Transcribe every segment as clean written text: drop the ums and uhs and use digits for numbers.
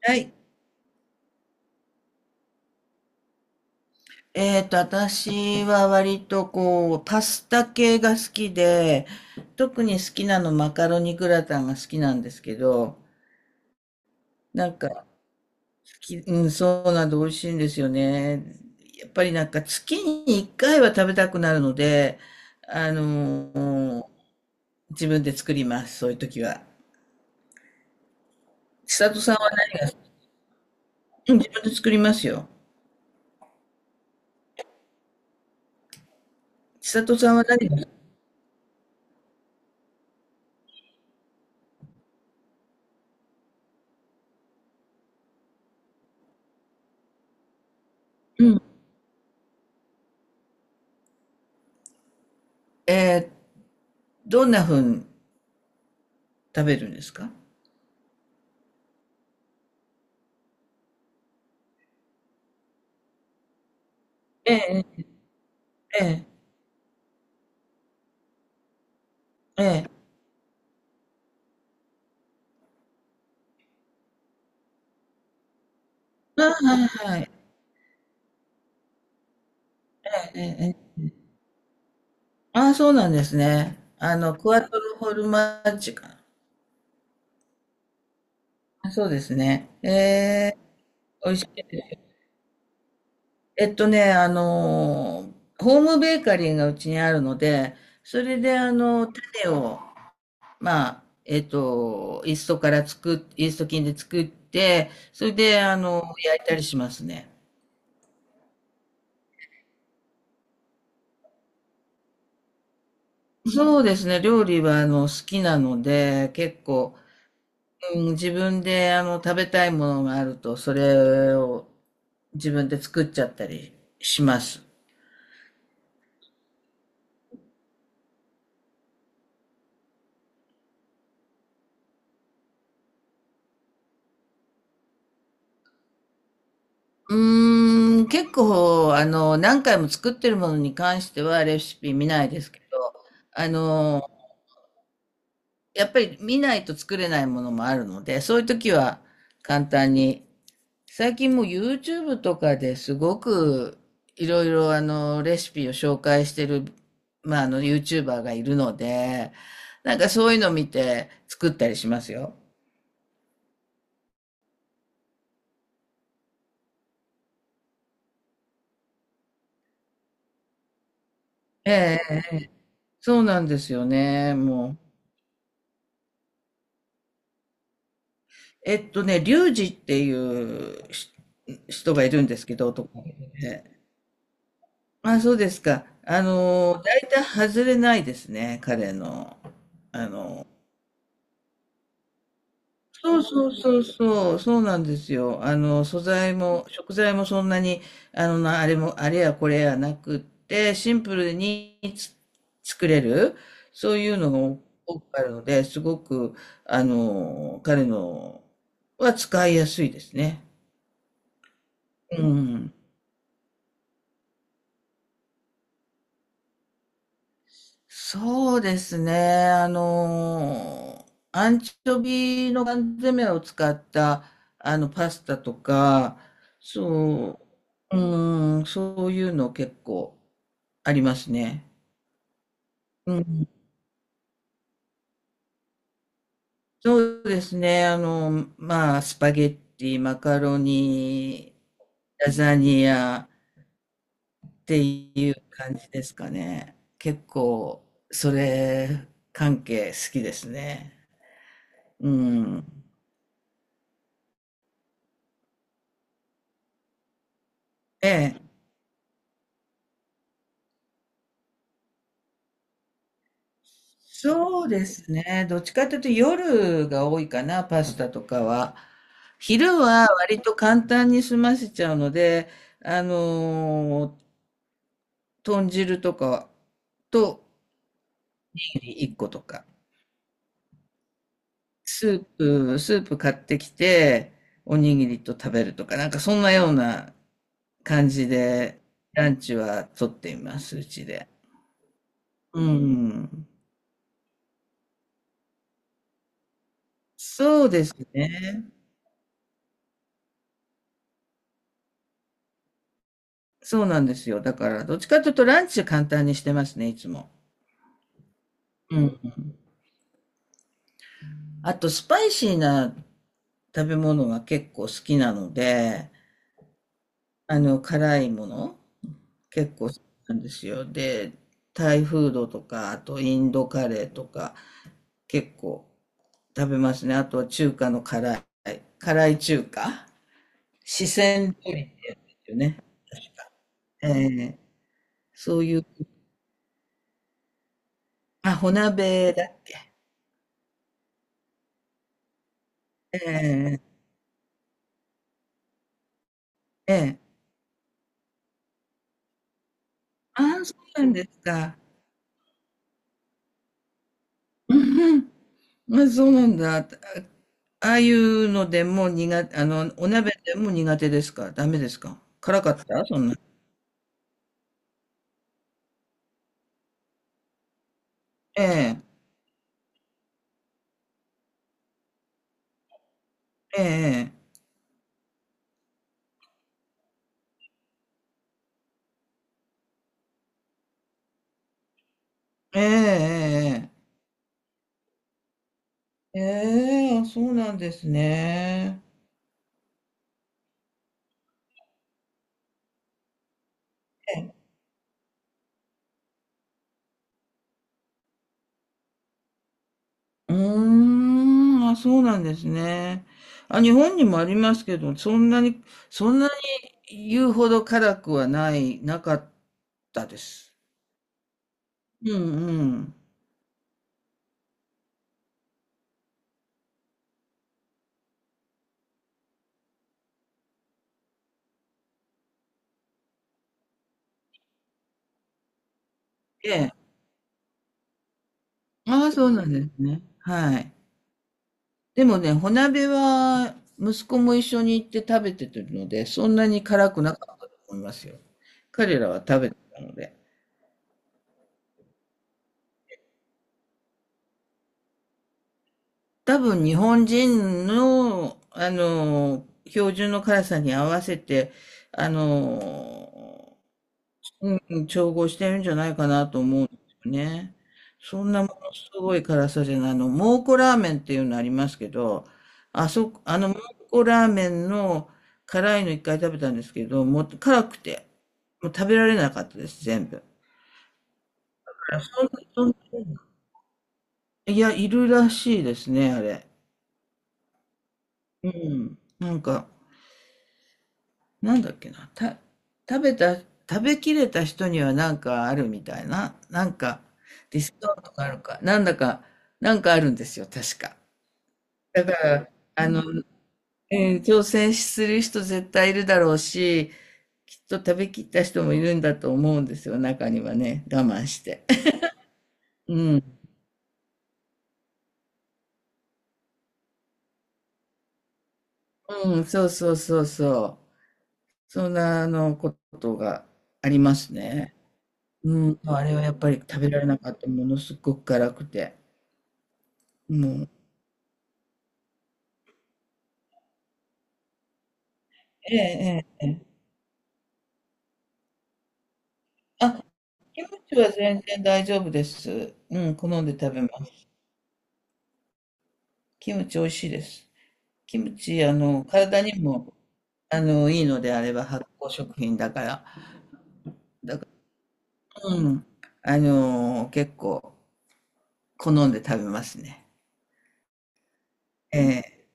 はい。私は割とこう、パスタ系が好きで、特に好きなのマカロニグラタンが好きなんですけど、なんか、うん、そうなんで美味しいんですよね。やっぱりなんか月に1回は食べたくなるので、あの自分で作ります、そういう時は。千里さんは、ね、うん自分で作りますよ。千里さんは何が、うん、えーどんな風に食べるんですか？ええ、ええ、ええ。ああ、はいはい。ええええええ。ああ、そうなんですね。クワトロフォルマッジかな。あ、そうですね。ええ、美味しいです。えっとね、あの、ホームベーカリーがうちにあるので、それで種を、イースト菌で作って、それで焼いたりしますね。そうですね、料理は好きなので、結構、うん、自分で食べたいものがあると、それを自分で作っちゃったりします。う結構、何回も作ってるものに関してはレシピ見ないですけど、あの、やっぱり見ないと作れないものもあるので、そういう時は簡単に最近もう YouTube とかですごくいろいろレシピを紹介してる、まあ、YouTuber がいるので、なんかそういうの見て作ったりしますよ。ええ、そうなんですよね。もう。リュウジっていう人がいるんですけど、男の子で。まあ、そうですか。大体外れないですね、彼の、あの、そうそうそうそう、そうなんですよ。素材も、食材もそんなに、なあれも、あれやこれやなくって、シンプルに作れる、そういうのが多くあるので、すごく、彼のは使いやすいですね。うん。そうですね。アンチョビの缶詰を使った、パスタとか、そう、うん、そういうの結構ありますね。うん、そうですね。まあ、スパゲッティ、マカロニ、ラザニアっていう感じですかね。結構、それ関係好きですね。うん。ええ。そうですね。どっちかというと夜が多いかな、パスタとかは。昼は割と簡単に済ませちゃうので、あのー豚汁とかとおにぎり1個とか、スープ買ってきて、おにぎりと食べるとか、なんかそんなような感じで、ランチはとっています、うちで。うん。そうですね。そうなんですよ。だから、どっちかというとランチ簡単にしてますね、いつも。うん。あと、スパイシーな食べ物が結構好きなので、辛いもの結構好きなんですよ。で、タイフードとか、あとインドカレーとか結構食べますね。あとは中華の辛い、辛い中華、四川料理ってやつですよね。ええそういう、あ、火鍋だっけ。ええええああ、そうなんですか。うんうんまあ、そうなんだ。あ、ああいうのでも苦手、お鍋でも苦手ですか？ダメですか？辛かったそんな。ええ、ええ、ええ、ええ、ええ、あそうなんですね。うーん、あ、そうなんですね。あ、日本にもありますけど、そんなに、言うほど辛くはない、なかったです。うんうん。ええ。ああ、そうなんですね。はい。でもね、穂鍋は息子も一緒に行って食べてるので、そんなに辛くなかったと思いますよ。彼らは食べてたので。多分日本人の、標準の辛さに合わせて、あの、うん、うん、調合してるんじゃないかなと思うんですよね。そんなものすごい辛さじゃないの。蒙古ラーメンっていうのありますけど、あの蒙古ラーメンの辛いの1回食べたんですけど、もう辛くて、もう食べられなかったです、全部。あそんなそんないや、いるらしいですね、あれ。うん。なんか、なんだっけな、た、食べた、食べきれた人にはなんかあるみたいな、なんかディスカウントがあるか、なんだか、なんかあるんですよ、確か。だから、あの、挑戦する人絶対いるだろうし、きっと食べきった人もいるんだと思うんですよ、中にはね、我慢して。うん。うん、そうそうそうそう。そんな、ことがありますね。うん、あれはやっぱり食べられなかった、ものすごく辛くて。もうええええええ。あ、キムチは全然大丈夫です。うん、好んで食べます。キムチ美味しいです。キムチ、体にも、いいのであれば発酵食品だから、うん、結構好んで食べますね。ええ、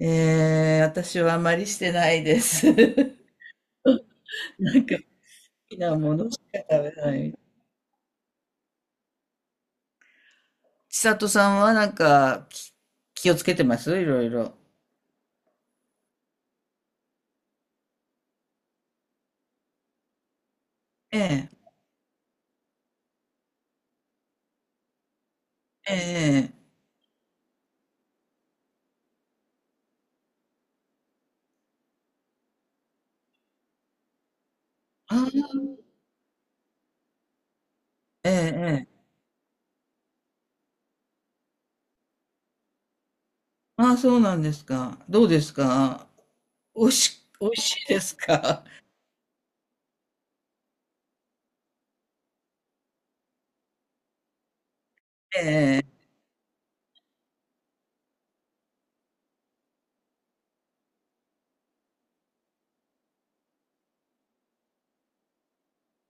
ええ、私はあまりしてないです。なんか、好きなものしか食べない。千里さんはなんか、気をつけてますいろいろ？ええ、ええ、ええああ、ええ、ええ。ああ、そうなんですか。どうですか？おいし、美味しいですか？ええ。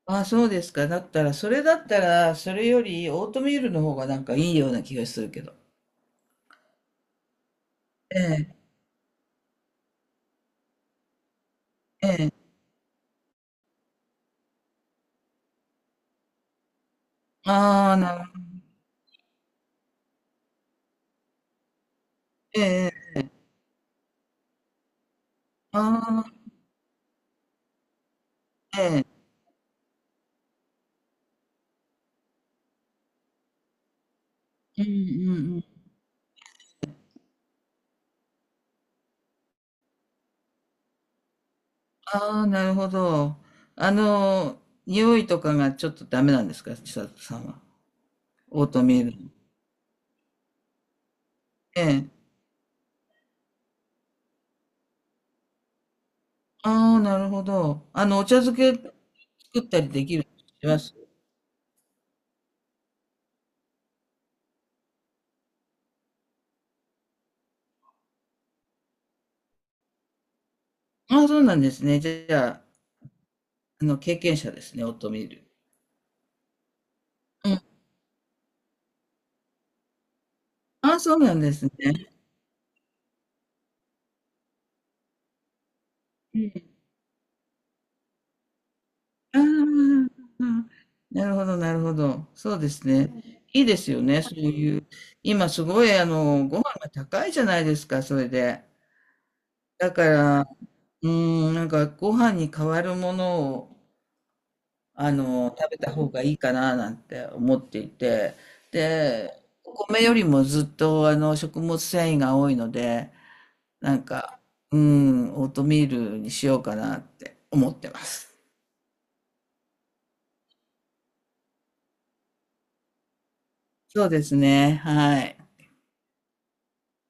ああ、そうですか。だったら、それだったら、それよりオートミールの方がなんかいいような気がするけど。ええ、ええ。ああ、なるほど。ええ、ああ、ええ。うんうんうん。ああ、なるほど。あの、匂いとかがちょっとダメなんですか千里さんは？オートミールの。ええ。ああ、なるほど。お茶漬け作ったりできるしますああ、そうなんですね。じゃあ、経験者ですね、オートミール。うん。ああ、そうなんですね。うん。ああ、ああなるほど、なるほど。そうですね。いいですよね、そういう。今すごい、ご飯が高いじゃないですか、それで。だから、うん、なんかご飯に代わるものを、食べた方がいいかな、なんて思っていて。で、お米よりもずっと、食物繊維が多いので、なんか、うん、オートミールにしようかなって思ってます。そうですね、はい。